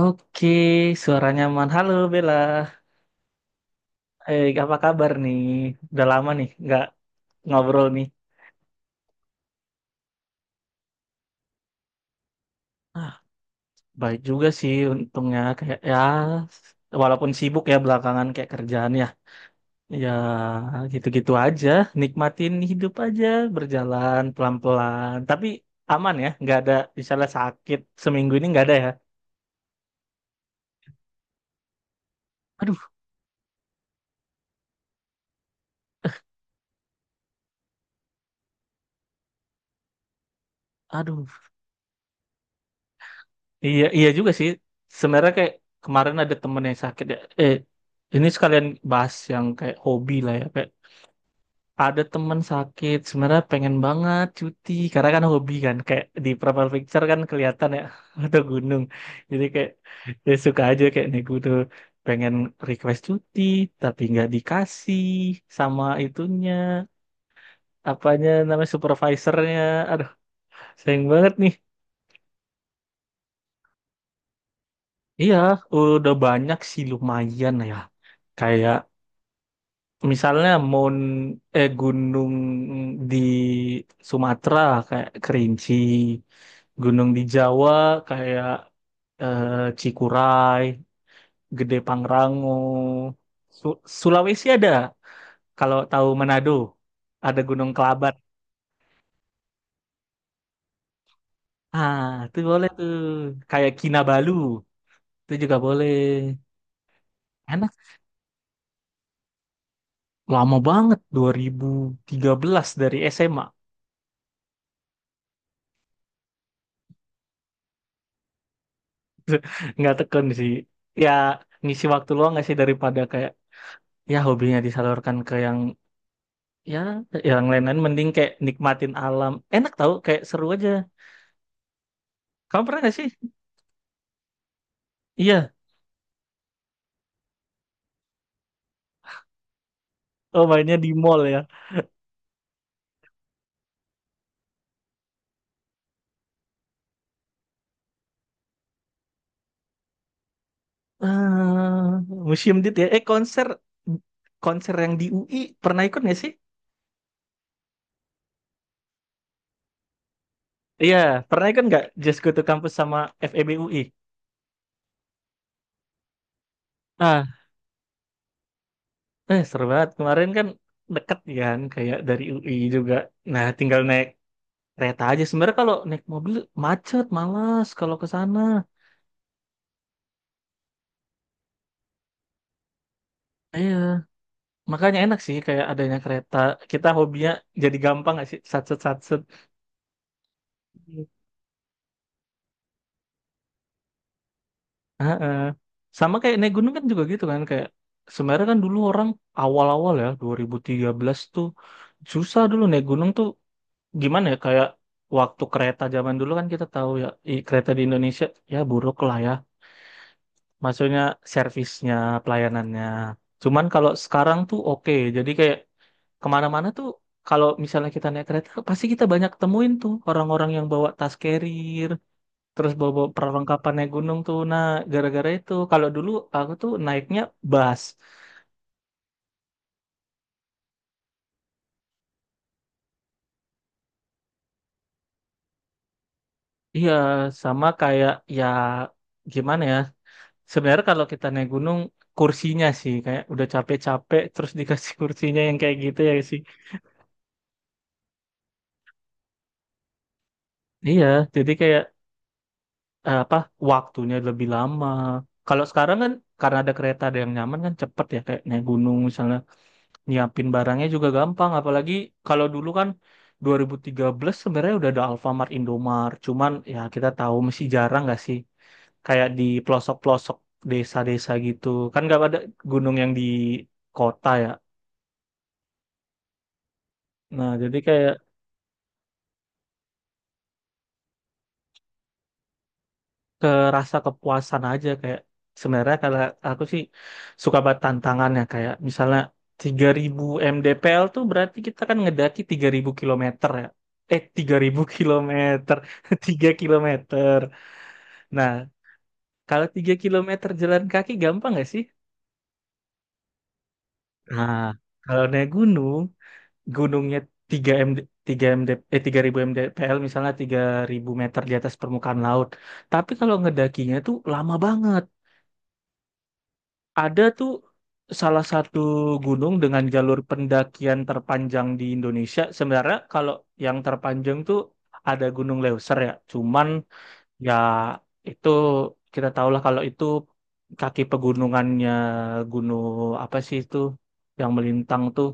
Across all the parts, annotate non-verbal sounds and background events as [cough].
Oke, suara nyaman. Halo Bella. Apa kabar nih? Udah lama nih nggak ngobrol nih. Ah, baik juga sih untungnya kayak ya walaupun sibuk ya belakangan kayak kerjaan ya. Ya gitu-gitu aja, nikmatin hidup aja, berjalan pelan-pelan. Tapi aman ya, nggak ada misalnya sakit seminggu ini nggak ada ya. Aduh, aduh. Iya, iya juga sih. Sebenarnya kayak kemarin ada temen yang sakit ya. Eh, ini sekalian bahas yang kayak hobi lah ya. Kayak ada temen sakit, sebenarnya pengen banget cuti. Karena kan hobi kan. Kayak di profile picture kan kelihatan ya [laughs] ada gunung. Jadi kayak ya suka aja kayak nih gue tuh pengen request cuti, tapi nggak dikasih sama itunya. Apanya namanya supervisornya. Aduh, sayang banget nih. Iya, udah banyak sih lumayan ya. Kayak misalnya mon eh gunung di Sumatera kayak Kerinci, gunung di Jawa kayak eh, Cikuray, Gede Pangrango. Sulawesi ada, kalau tahu Manado, ada Gunung Kelabat. Ah, itu boleh tuh. Kayak Kinabalu, itu juga boleh. Enak, lama banget 2013 dari SMA. [laughs] Nggak tekun sih. Ya ngisi waktu luang nggak sih daripada kayak ya hobinya disalurkan ke yang ya yang lain-lain mending kayak nikmatin alam enak tau kayak seru aja. Kamu pernah gak sih? Iya, oh mainnya di mall ya. Ah, museum ya konser konser yang di UI pernah ikut gak sih? Iya, pernah ikut nggak Just Go to Campus sama FEB UI? ah Seru banget kemarin kan, deket kan kayak dari UI juga. Nah, tinggal naik kereta aja sebenarnya. Kalau naik mobil macet, malas kalau ke sana. Iya, makanya enak sih kayak adanya kereta. Kita hobinya jadi gampang nggak sih? Satset satset. Heeh. Sama kayak naik gunung kan juga gitu kan kayak sebenarnya kan dulu orang awal-awal ya 2013 tuh susah dulu naik gunung tuh. Gimana ya kayak waktu kereta zaman dulu kan kita tahu ya kereta di Indonesia ya buruk lah ya. Maksudnya servisnya, pelayanannya. Cuman kalau sekarang tuh oke. Jadi kayak kemana-mana tuh kalau misalnya kita naik kereta pasti kita banyak temuin tuh orang-orang yang bawa tas carrier terus bawa perlengkapan naik gunung tuh. Nah, gara-gara itu kalau dulu aku tuh naiknya bus. Iya, sama kayak ya gimana ya sebenarnya kalau kita naik gunung kursinya sih kayak udah capek-capek terus dikasih [laughs] kursinya yang kayak gitu ya sih. Iya, jadi kayak apa waktunya lebih lama. Kalau sekarang kan karena ada kereta ada yang nyaman kan cepet ya kayak naik gunung misalnya nyiapin barangnya juga gampang. Apalagi kalau dulu kan 2013 sebenarnya udah ada Alfamart Indomart cuman ya kita tahu masih jarang nggak sih kayak di pelosok-pelosok desa-desa gitu kan nggak ada gunung yang di kota ya. Nah, jadi kayak kerasa kepuasan aja kayak sebenarnya kalau aku sih suka banget tantangannya kayak misalnya 3000 mdpl tuh berarti kita kan ngedaki 3000 kilometer ya 3000 kilometer [laughs] 3 kilometer. Nah, kalau 3 kilometer jalan kaki gampang nggak sih? Nah, kalau naik gunung, gunungnya 3 MD, 3 MD, eh 3000 l misalnya 3000 meter di atas permukaan laut. Tapi kalau ngedakinya tuh lama banget. Ada tuh salah satu gunung dengan jalur pendakian terpanjang di Indonesia. Sebenarnya kalau yang terpanjang tuh ada Gunung Leuser ya. Cuman ya, itu kita tahulah kalau itu kaki pegunungannya gunung apa sih itu yang melintang tuh.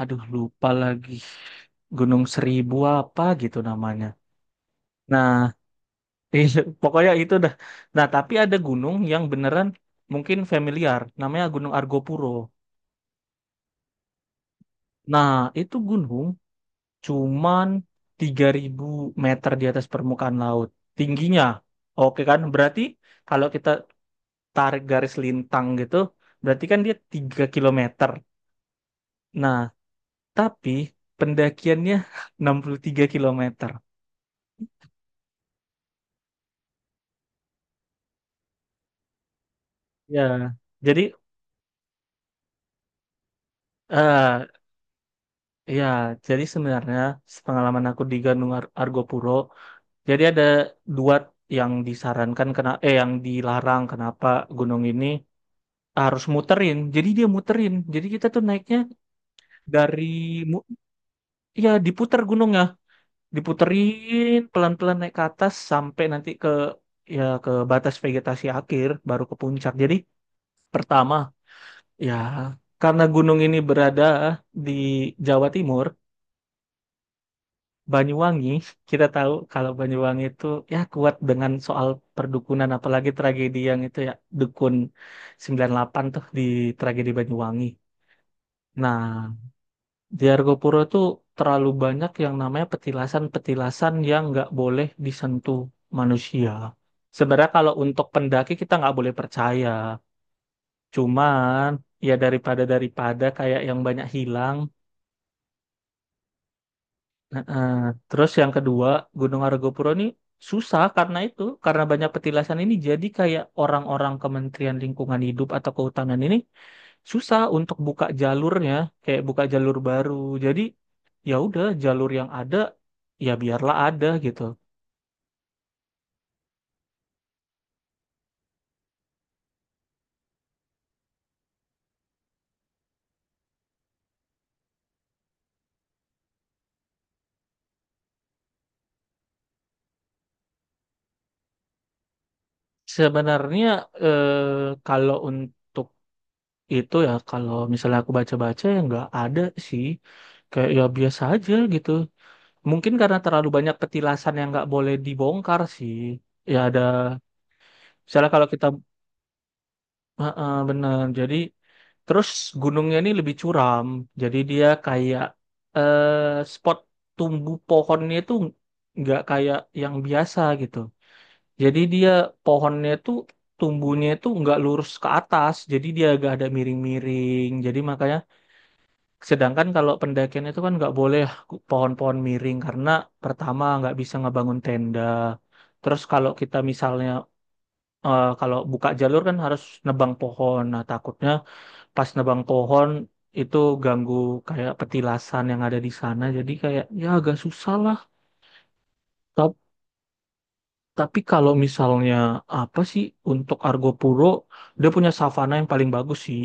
Aduh, lupa lagi. Gunung Seribu apa gitu namanya. Nah, [laughs] pokoknya itu dah. Nah, tapi ada gunung yang beneran mungkin familiar. Namanya Gunung Argopuro. Nah, itu gunung cuman 3000 meter di atas permukaan laut tingginya. Oke kan? Berarti kalau kita tarik garis lintang gitu, berarti kan dia 3 kilometer. Nah, tapi pendakiannya [laughs] 63 kilometer. Ya, jadi eh ya, jadi sebenarnya pengalaman aku di Gunung Argopuro, jadi ada dua yang disarankan kena yang dilarang kenapa gunung ini harus muterin. Jadi dia muterin. Jadi kita tuh naiknya dari mu- ya diputar gunungnya, diputerin pelan-pelan naik ke atas sampai nanti ke batas vegetasi akhir baru ke puncak. Jadi pertama ya karena gunung ini berada di Jawa Timur, Banyuwangi. Kita tahu kalau Banyuwangi itu ya kuat dengan soal perdukunan apalagi tragedi yang itu ya dukun 98 tuh, di tragedi Banyuwangi. Nah, di Argopuro tuh terlalu banyak yang namanya petilasan-petilasan yang nggak boleh disentuh manusia. Sebenarnya kalau untuk pendaki kita nggak boleh percaya. Cuman ya daripada daripada kayak yang banyak hilang. Nah, terus yang kedua Gunung Argopuro ini susah karena itu karena banyak petilasan ini jadi kayak orang-orang Kementerian Lingkungan Hidup atau Kehutanan ini susah untuk buka jalurnya kayak buka jalur baru. Jadi ya udah jalur yang ada ya biarlah ada gitu. Sebenarnya kalau untuk itu ya kalau misalnya aku baca-baca ya nggak ada sih kayak ya biasa aja gitu. Mungkin karena terlalu banyak petilasan yang nggak boleh dibongkar sih. Ya ada, misalnya kalau kita bener, jadi terus gunungnya ini lebih curam, jadi dia kayak eh, spot tumbuh pohonnya itu nggak kayak yang biasa gitu. Jadi dia pohonnya itu tumbuhnya itu nggak lurus ke atas, jadi dia agak ada miring-miring. Jadi makanya sedangkan kalau pendakian itu kan nggak boleh pohon-pohon miring karena pertama nggak bisa ngebangun tenda. Terus kalau kita misalnya kalau buka jalur kan harus nebang pohon. Nah, takutnya pas nebang pohon itu ganggu kayak petilasan yang ada di sana. Jadi kayak ya agak susah lah. Ta- Tapi kalau misalnya apa sih untuk Argo Puro, dia punya savana yang paling bagus sih.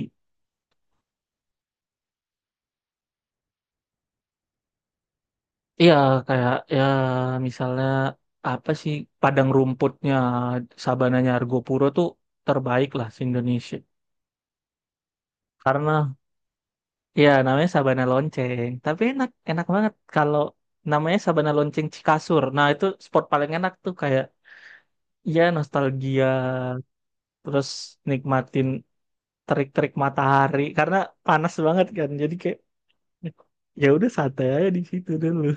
Iya, kayak ya misalnya apa sih padang rumputnya sabananya Argopuro tuh terbaik lah se Indonesia. Karena ya namanya sabana lonceng, tapi enak enak banget kalau namanya sabana lonceng Cikasur. Nah, itu spot paling enak tuh kayak ya nostalgia terus nikmatin terik-terik matahari karena panas banget kan. Jadi kayak ya udah santai aja di situ dulu.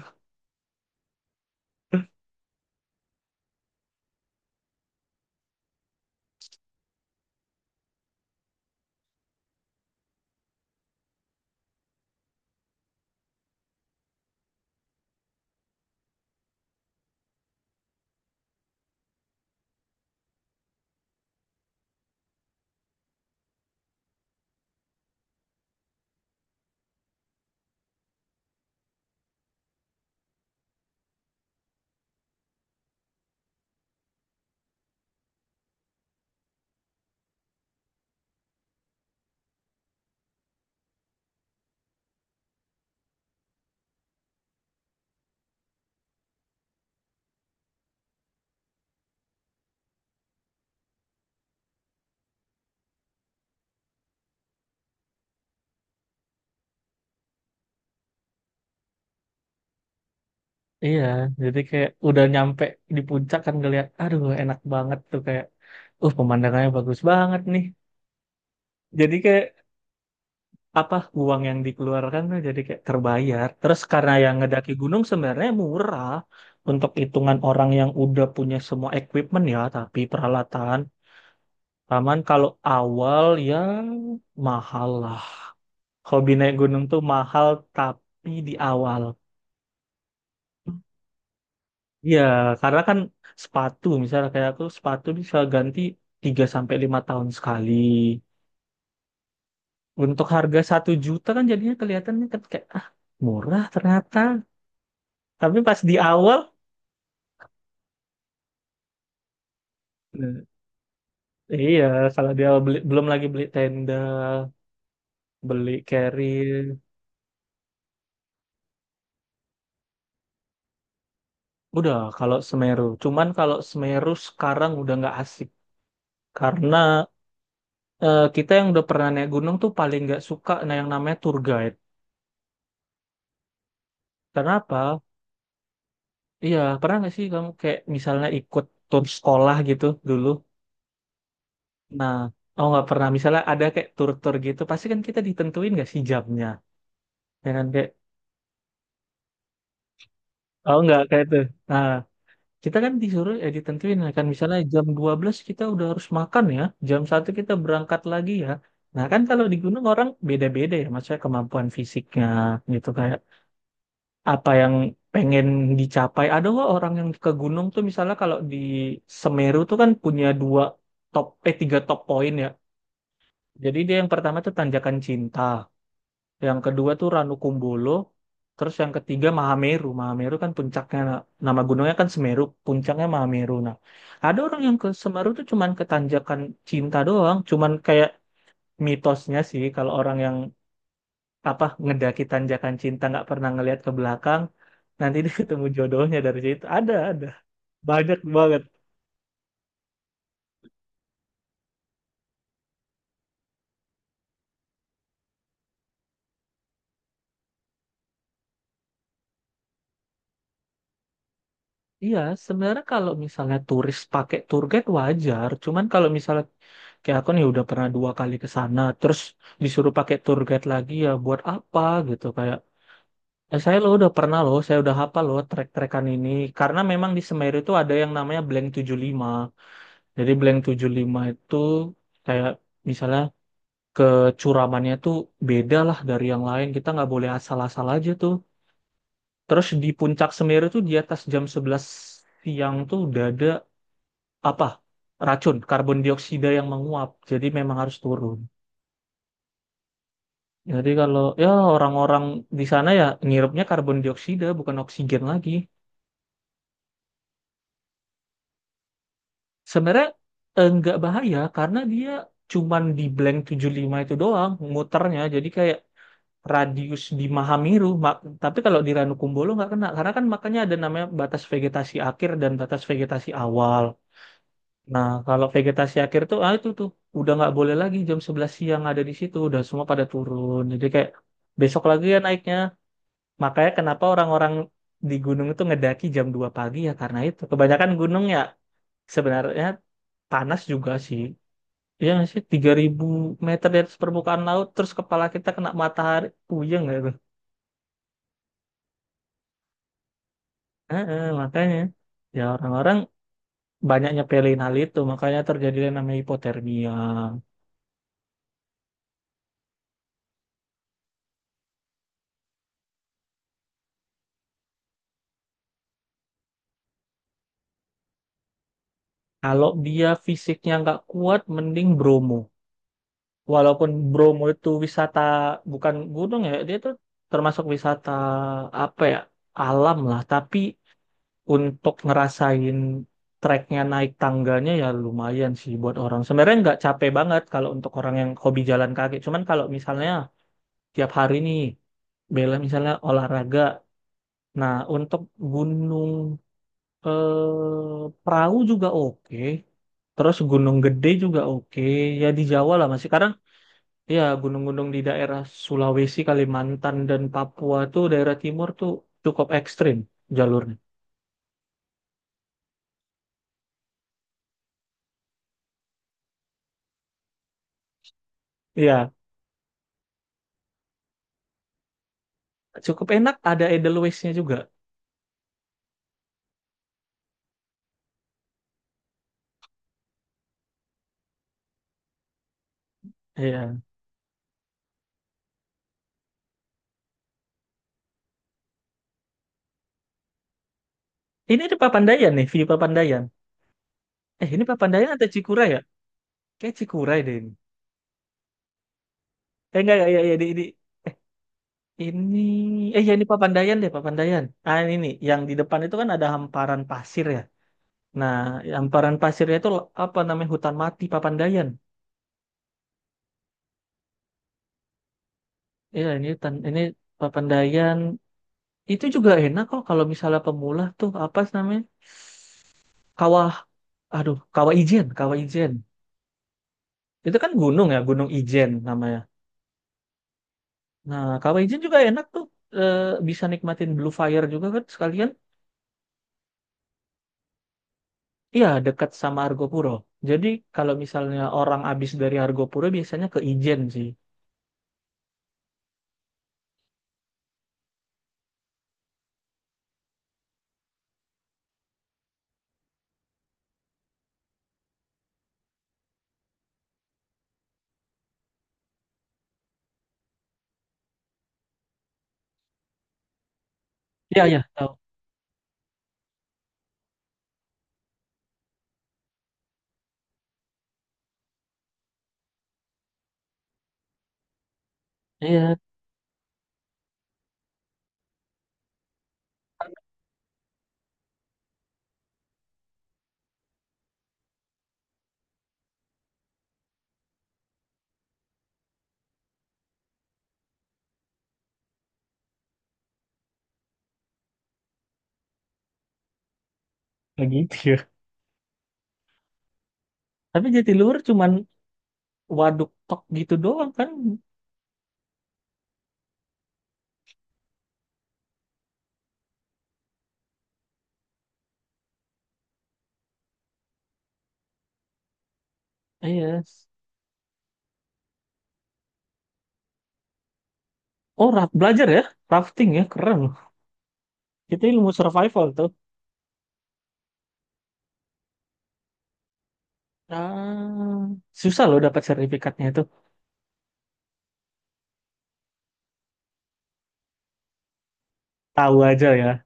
Iya, jadi kayak udah nyampe di puncak kan ngeliat, aduh enak banget tuh kayak, pemandangannya bagus banget nih. Jadi kayak apa uang yang dikeluarkan tuh jadi kayak terbayar. Terus karena yang ngedaki gunung sebenarnya murah untuk hitungan orang yang udah punya semua equipment ya, tapi peralatan. Taman kalau awal ya mahal lah. Hobi naik gunung tuh mahal tapi di awal. Iya, karena kan sepatu misalnya kayak aku sepatu bisa ganti 3 sampai 5 tahun sekali. Untuk harga 1 juta kan jadinya kelihatannya kan kayak ah, murah ternyata. Tapi pas di awal. Nah, iya, kalau dia beli, belum lagi beli tenda, beli carrier. Udah kalau Semeru. Cuman kalau Semeru sekarang udah nggak asik karena kita yang udah pernah naik gunung tuh paling nggak suka nah yang namanya tour guide. Kenapa? Iya, pernah nggak sih kamu kayak misalnya ikut tur sekolah gitu dulu? Nah, oh nggak pernah. Misalnya ada kayak tur-tur gitu, pasti kan kita ditentuin nggak sih jamnya? Ya kan kayak, oh nggak kayak itu. Nah, kita kan disuruh ya ditentuin ya kan misalnya jam 12 kita udah harus makan ya, jam 1 kita berangkat lagi ya. Nah kan kalau di gunung orang beda-beda ya, maksudnya kemampuan fisiknya gitu kayak apa yang pengen dicapai. Ada kok orang yang ke gunung tuh misalnya kalau di Semeru tuh kan punya dua top, tiga top poin ya. Jadi dia yang pertama tuh Tanjakan Cinta, yang kedua tuh Ranukumbolo, terus yang ketiga Mahameru. Mahameru kan puncaknya, nah, nama gunungnya kan Semeru, puncaknya Mahameru. Nah, ada orang yang ke Semeru tuh cuman ke Tanjakan Cinta doang, cuman kayak mitosnya sih kalau orang yang apa ngedaki tanjakan cinta nggak pernah ngelihat ke belakang nanti [laughs] dia ketemu jodohnya dari situ. Ada banyak banget. Iya, sebenarnya kalau misalnya turis pakai tour guide wajar. Cuman kalau misalnya kayak aku nih udah pernah dua kali ke sana terus disuruh pakai tour guide lagi ya buat apa gitu kayak saya lo udah pernah loh, saya udah hafal loh trek-trekan ini karena memang di Semeru itu ada yang namanya Blank 75. Jadi Blank 75 itu kayak misalnya kecuramannya tuh beda lah dari yang lain. Kita nggak boleh asal-asal aja tuh. Terus di puncak Semeru tuh di atas jam 11 siang tuh udah ada apa? Racun, karbon dioksida yang menguap. Jadi memang harus turun. Jadi kalau ya orang-orang di sana ya ngirupnya karbon dioksida bukan oksigen lagi. Sebenarnya nggak bahaya karena dia cuman di blank 75 itu doang muternya. Jadi kayak radius di Mahameru, tapi kalau di Ranukumbolo nggak kena, karena kan makanya ada namanya batas vegetasi akhir dan batas vegetasi awal. Nah, kalau vegetasi akhir tuh, ah itu tuh udah nggak boleh lagi jam 11 siang ada di situ, udah semua pada turun. Jadi kayak besok lagi ya naiknya. Makanya kenapa orang-orang di gunung itu ngedaki jam 2 pagi ya karena itu. Kebanyakan gunung ya sebenarnya panas juga sih. Iya nggak sih? Tiga ribu meter di atas permukaan laut, terus kepala kita kena matahari, puyeng ya. Heeh, makanya ya orang-orang banyaknya pilihin hal itu, makanya terjadi yang namanya hipotermia. Kalau dia fisiknya nggak kuat mending Bromo, walaupun Bromo itu wisata bukan gunung ya, dia tuh termasuk wisata apa ya, alam lah. Tapi untuk ngerasain treknya, naik tangganya ya lumayan sih buat orang, sebenarnya nggak capek banget kalau untuk orang yang hobi jalan kaki. Cuman kalau misalnya tiap hari nih bela misalnya olahraga. Nah, untuk Gunung Perahu juga oke. Terus Gunung Gede juga oke. Ya di Jawa lah masih. Sekarang ya gunung-gunung di daerah Sulawesi, Kalimantan, dan Papua tuh, daerah timur tuh cukup ekstrim jalurnya. Iya, cukup enak. Ada Edelweissnya juga. Iya. Ini di Papandayan nih, view Papandayan. Eh, ini Papandayan atau Cikura ya? Kayak Cikura deh ini. Eh, enggak, ya, ya, ya, ini, ya ini Papandayan deh, Papandayan. Ah ini nih, yang di depan itu kan ada hamparan pasir ya. Nah, hamparan pasirnya itu apa namanya, hutan mati Papandayan. Iya ini hutan, ini Papandayan. Itu juga enak kok kalau misalnya pemula tuh, apa sih namanya? Kawah, aduh, Kawah Ijen, Kawah Ijen. Itu kan gunung ya, Gunung Ijen namanya. Nah, Kawah Ijen juga enak tuh. Eh, Bisa nikmatin Blue Fire juga kan sekalian. Iya, dekat sama Argopuro. Jadi kalau misalnya orang abis dari Argopuro biasanya ke Ijen sih. Iya, iya. Tahu? Iya. Kayak gitu ya. Tapi Jatiluhur cuman waduk tok gitu doang kan. Iya. Oh, raft belajar ya, rafting ya, keren. Itu ilmu survival tuh. Ah, susah loh dapat sertifikatnya itu. Tahu aja ya.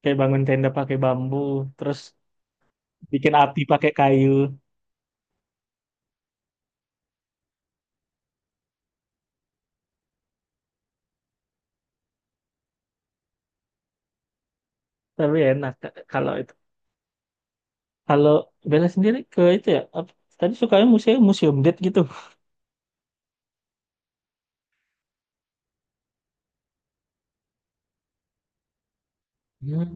Kayak bangun tenda pakai bambu, terus bikin api pakai kayu. Tapi enak kalau, kalau Bella sendiri ke itu ya, apa, tadi sukanya museum museum date gitu. Hmm.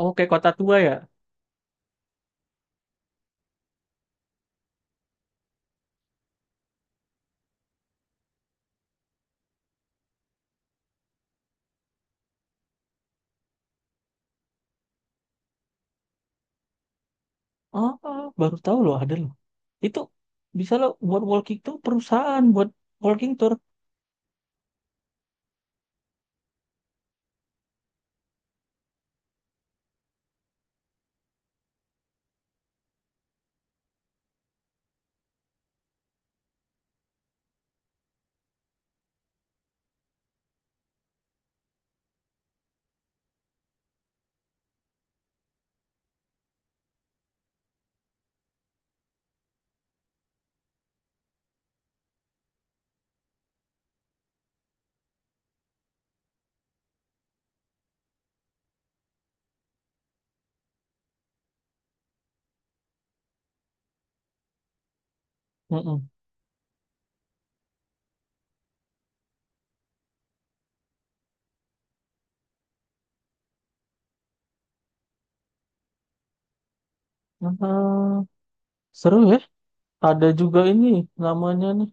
Oh, kayak kota tua ya. Oh, oh, baru tahu loh ada loh. Itu bisa loh buat walking tour, perusahaan buat walking tour. Mm-mm. Ah, seru ya. Ada juga ini namanya nih,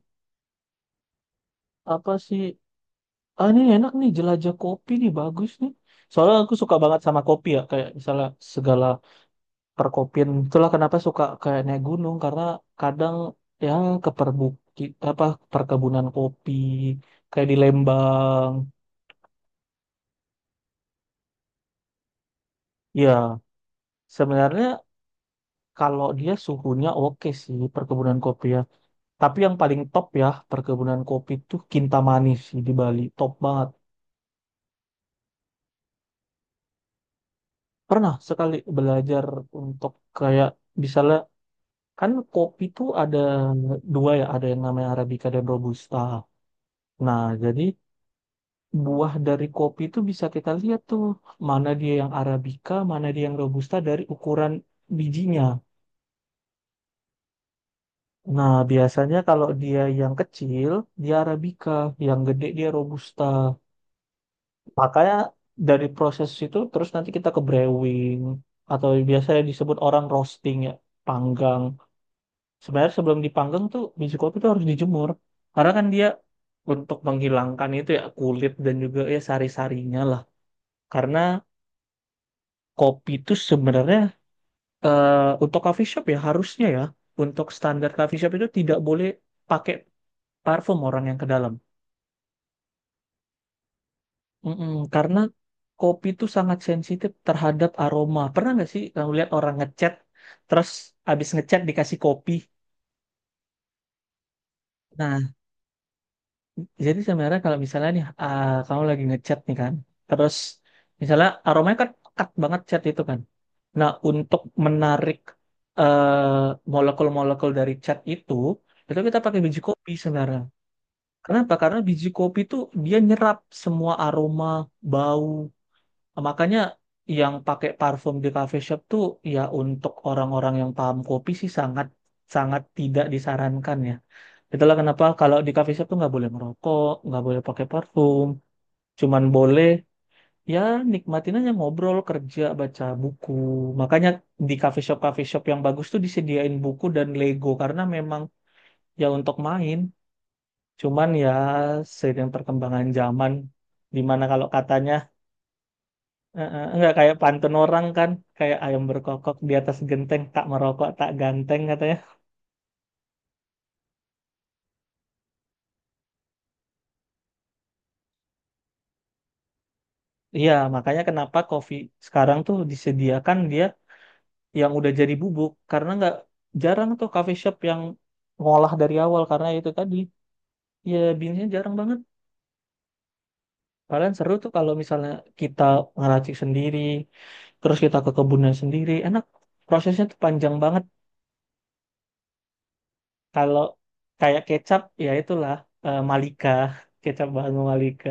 apa sih? Ah ini enak nih, jelajah kopi nih, bagus nih. Soalnya aku suka banget sama kopi ya, kayak misalnya segala perkopian, itulah kenapa suka kayak naik gunung, karena kadang yang ke perbuki apa, perkebunan kopi kayak di Lembang. Ya sebenarnya kalau dia suhunya oke sih perkebunan kopi ya, tapi yang paling top ya perkebunan kopi tuh Kintamani sih, di Bali top banget. Pernah sekali belajar untuk kayak misalnya, kan kopi tuh ada dua ya, ada yang namanya Arabica dan Robusta. Nah jadi buah dari kopi itu bisa kita lihat tuh, mana dia yang Arabica, mana dia yang Robusta, dari ukuran bijinya. Nah, biasanya kalau dia yang kecil, dia Arabica, yang gede dia Robusta. Makanya dari proses itu terus nanti kita ke brewing atau biasanya disebut orang roasting ya, panggang. Sebenarnya sebelum dipanggang tuh biji kopi itu harus dijemur. Karena kan dia untuk menghilangkan itu ya, kulit dan juga ya sari-sarinya lah. Karena kopi itu sebenarnya eh untuk coffee shop ya harusnya ya, untuk standar coffee shop itu tidak boleh pakai parfum orang yang ke dalam. Mm-mm, karena kopi itu sangat sensitif terhadap aroma. Pernah nggak sih kamu lihat orang ngecat terus abis ngecat dikasih kopi? Nah, jadi sebenarnya kalau misalnya nih ah, kamu lagi ngecat nih kan, terus misalnya aromanya kan pekat banget cat itu kan. Nah, untuk menarik eh, molekul-molekul dari cat itu kita pakai biji kopi sebenarnya. Kenapa? Karena biji kopi tuh dia nyerap semua aroma, bau. Makanya yang pakai parfum di cafe shop tuh, ya untuk orang-orang yang paham kopi sih sangat, sangat tidak disarankan ya. Itulah kenapa kalau di cafe shop tuh nggak boleh merokok, nggak boleh pakai parfum, cuman boleh ya nikmatin aja ngobrol, kerja, baca buku. Makanya di cafe shop yang bagus tuh disediain buku dan Lego, karena memang ya untuk main. Cuman ya seiring perkembangan zaman, dimana kalau katanya enggak, kayak pantun orang kan, kayak ayam berkokok di atas genteng, tak merokok tak ganteng katanya. Iya, makanya kenapa kopi sekarang tuh disediakan dia yang udah jadi bubuk, karena nggak jarang tuh coffee shop yang ngolah dari awal, karena itu tadi ya beansnya jarang banget. Kalian seru tuh kalau misalnya kita ngeracik sendiri, terus kita ke kebunnya sendiri, enak. Prosesnya tuh panjang banget. Kalau kayak kecap, ya itulah, Malika, kecap bahan Malika.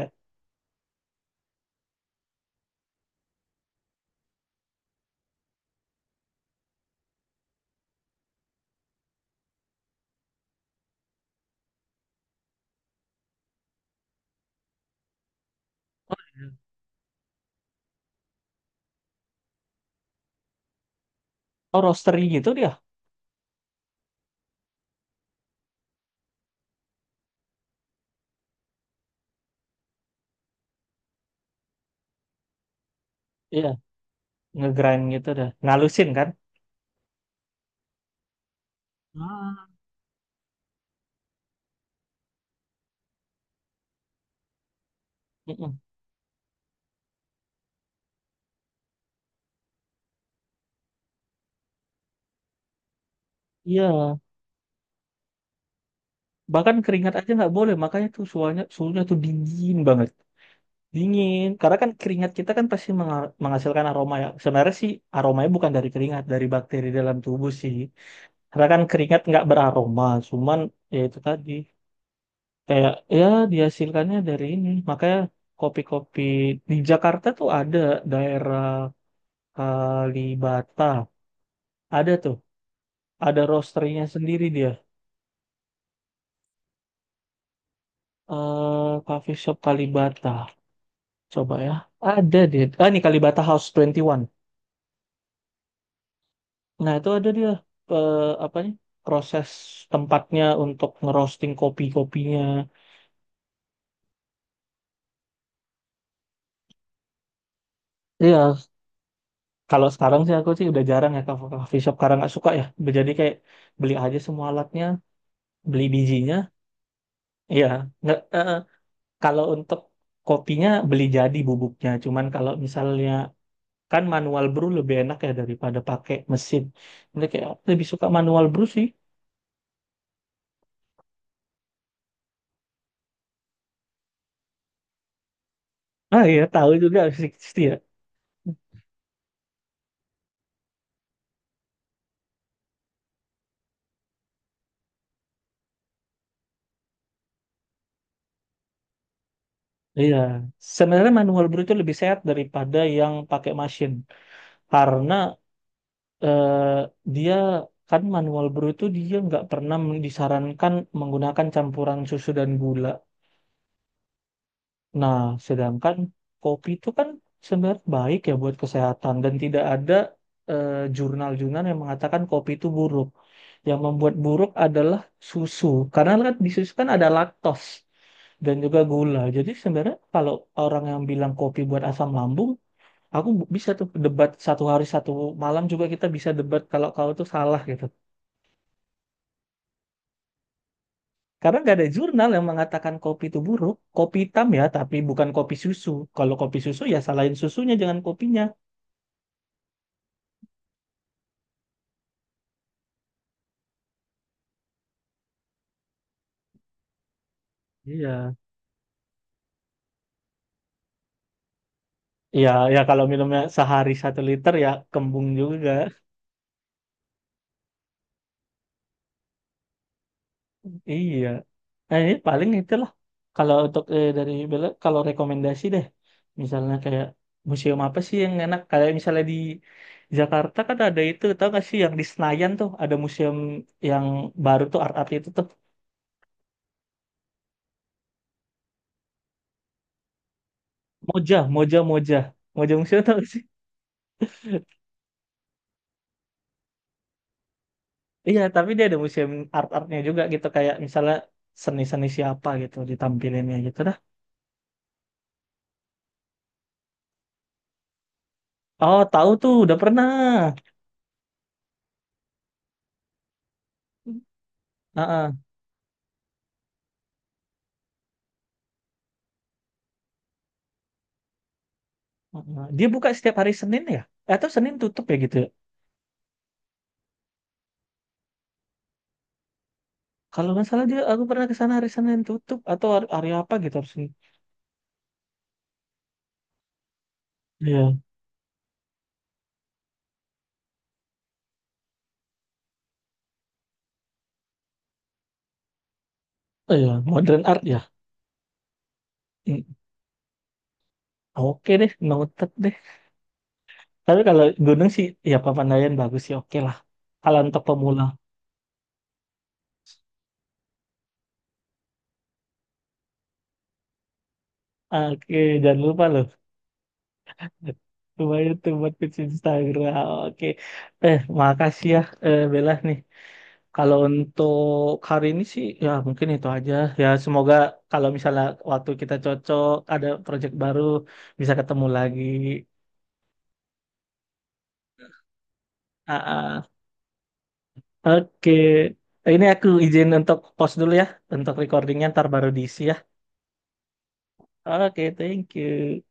Oh, roastery gitu dia. Iya, ngegrind gitu dah. Ngalusin kan? Ah, mm-mm. Iya, bahkan keringat aja nggak boleh, makanya tuh suhunya suhunya tuh dingin banget, dingin. Karena kan keringat kita kan pasti menga- menghasilkan aroma ya. Sebenarnya sih aromanya bukan dari keringat, dari bakteri dalam tubuh sih. Karena kan keringat nggak beraroma, cuman ya itu tadi, kayak ya dihasilkannya dari ini. Makanya kopi-kopi di Jakarta tuh ada daerah Kalibata, ada tuh, ada roasterynya sendiri dia. Coffee shop Kalibata coba ya, ada dia, ah ini Kalibata House 21, nah itu ada dia, eh, apanya, proses tempatnya untuk ngerosting kopi-kopinya. Iya, kalau sekarang sih aku sih udah jarang ya ke coffee shop, karena nggak suka ya. Jadi kayak beli aja semua alatnya, beli bijinya, iya, nggak, eh, kalau untuk kopinya beli jadi bubuknya. Cuman kalau misalnya, kan manual brew lebih enak ya daripada pakai mesin. Jadi kayak lebih suka manual brew sih. Ah iya, tahu juga sih pasti ya. Iya, sebenarnya manual brew itu lebih sehat daripada yang pakai mesin, karena eh, dia kan manual brew itu dia nggak pernah disarankan menggunakan campuran susu dan gula. Nah, sedangkan kopi itu kan sebenarnya baik ya buat kesehatan dan tidak ada eh, jurnal-jurnal yang mengatakan kopi itu buruk. Yang membuat buruk adalah susu, karena kan di susu kan ada laktos dan juga gula. Jadi sebenarnya kalau orang yang bilang kopi buat asam lambung, aku bisa tuh debat satu hari satu malam juga, kita bisa debat kalau kau tuh salah gitu. Karena nggak ada jurnal yang mengatakan kopi itu buruk. Kopi hitam ya, tapi bukan kopi susu. Kalau kopi susu ya salahin susunya, jangan kopinya. Iya. Iya, ya kalau minumnya sehari 1 liter ya kembung juga. Iya. Nah, ini paling itulah. Kalau untuk dari Bella, kalau rekomendasi deh, misalnya kayak museum apa sih yang enak? Kayak misalnya di Jakarta kan ada itu, tau gak sih yang di Senayan tuh ada museum yang baru tuh, art-art itu tuh. Moja, Moja, Moja. Moja Museum tau gak sih? Iya, tapi dia ada museum art-artnya juga gitu. Kayak misalnya seni-seni siapa gitu ditampilinnya gitu dah. Oh, tahu tuh, udah pernah. Heeh, heeh. Dia buka setiap hari Senin ya? Atau Senin tutup ya gitu ya? Kalau nggak salah dia, aku pernah ke sana hari Senin tutup atau hari, hari apa gitu harusnya. Iya. Oh iya, modern art ya. Hmm. Oke deh, noted deh. Tapi kalau gunung sih, ya Papandayan bagus sih, oke lah. Kalau untuk pemula, oke, jangan lupa loh. Lumayan tuh buat tips Instagram, oke. Eh, makasih ya, Bella nih. Kalau untuk hari ini sih ya mungkin itu aja. Ya semoga kalau misalnya waktu kita cocok, ada project baru bisa ketemu lagi. Ah, ah. Oke. Ini aku izin untuk pause dulu ya untuk recordingnya, ntar baru diisi ya. Oke, thank you.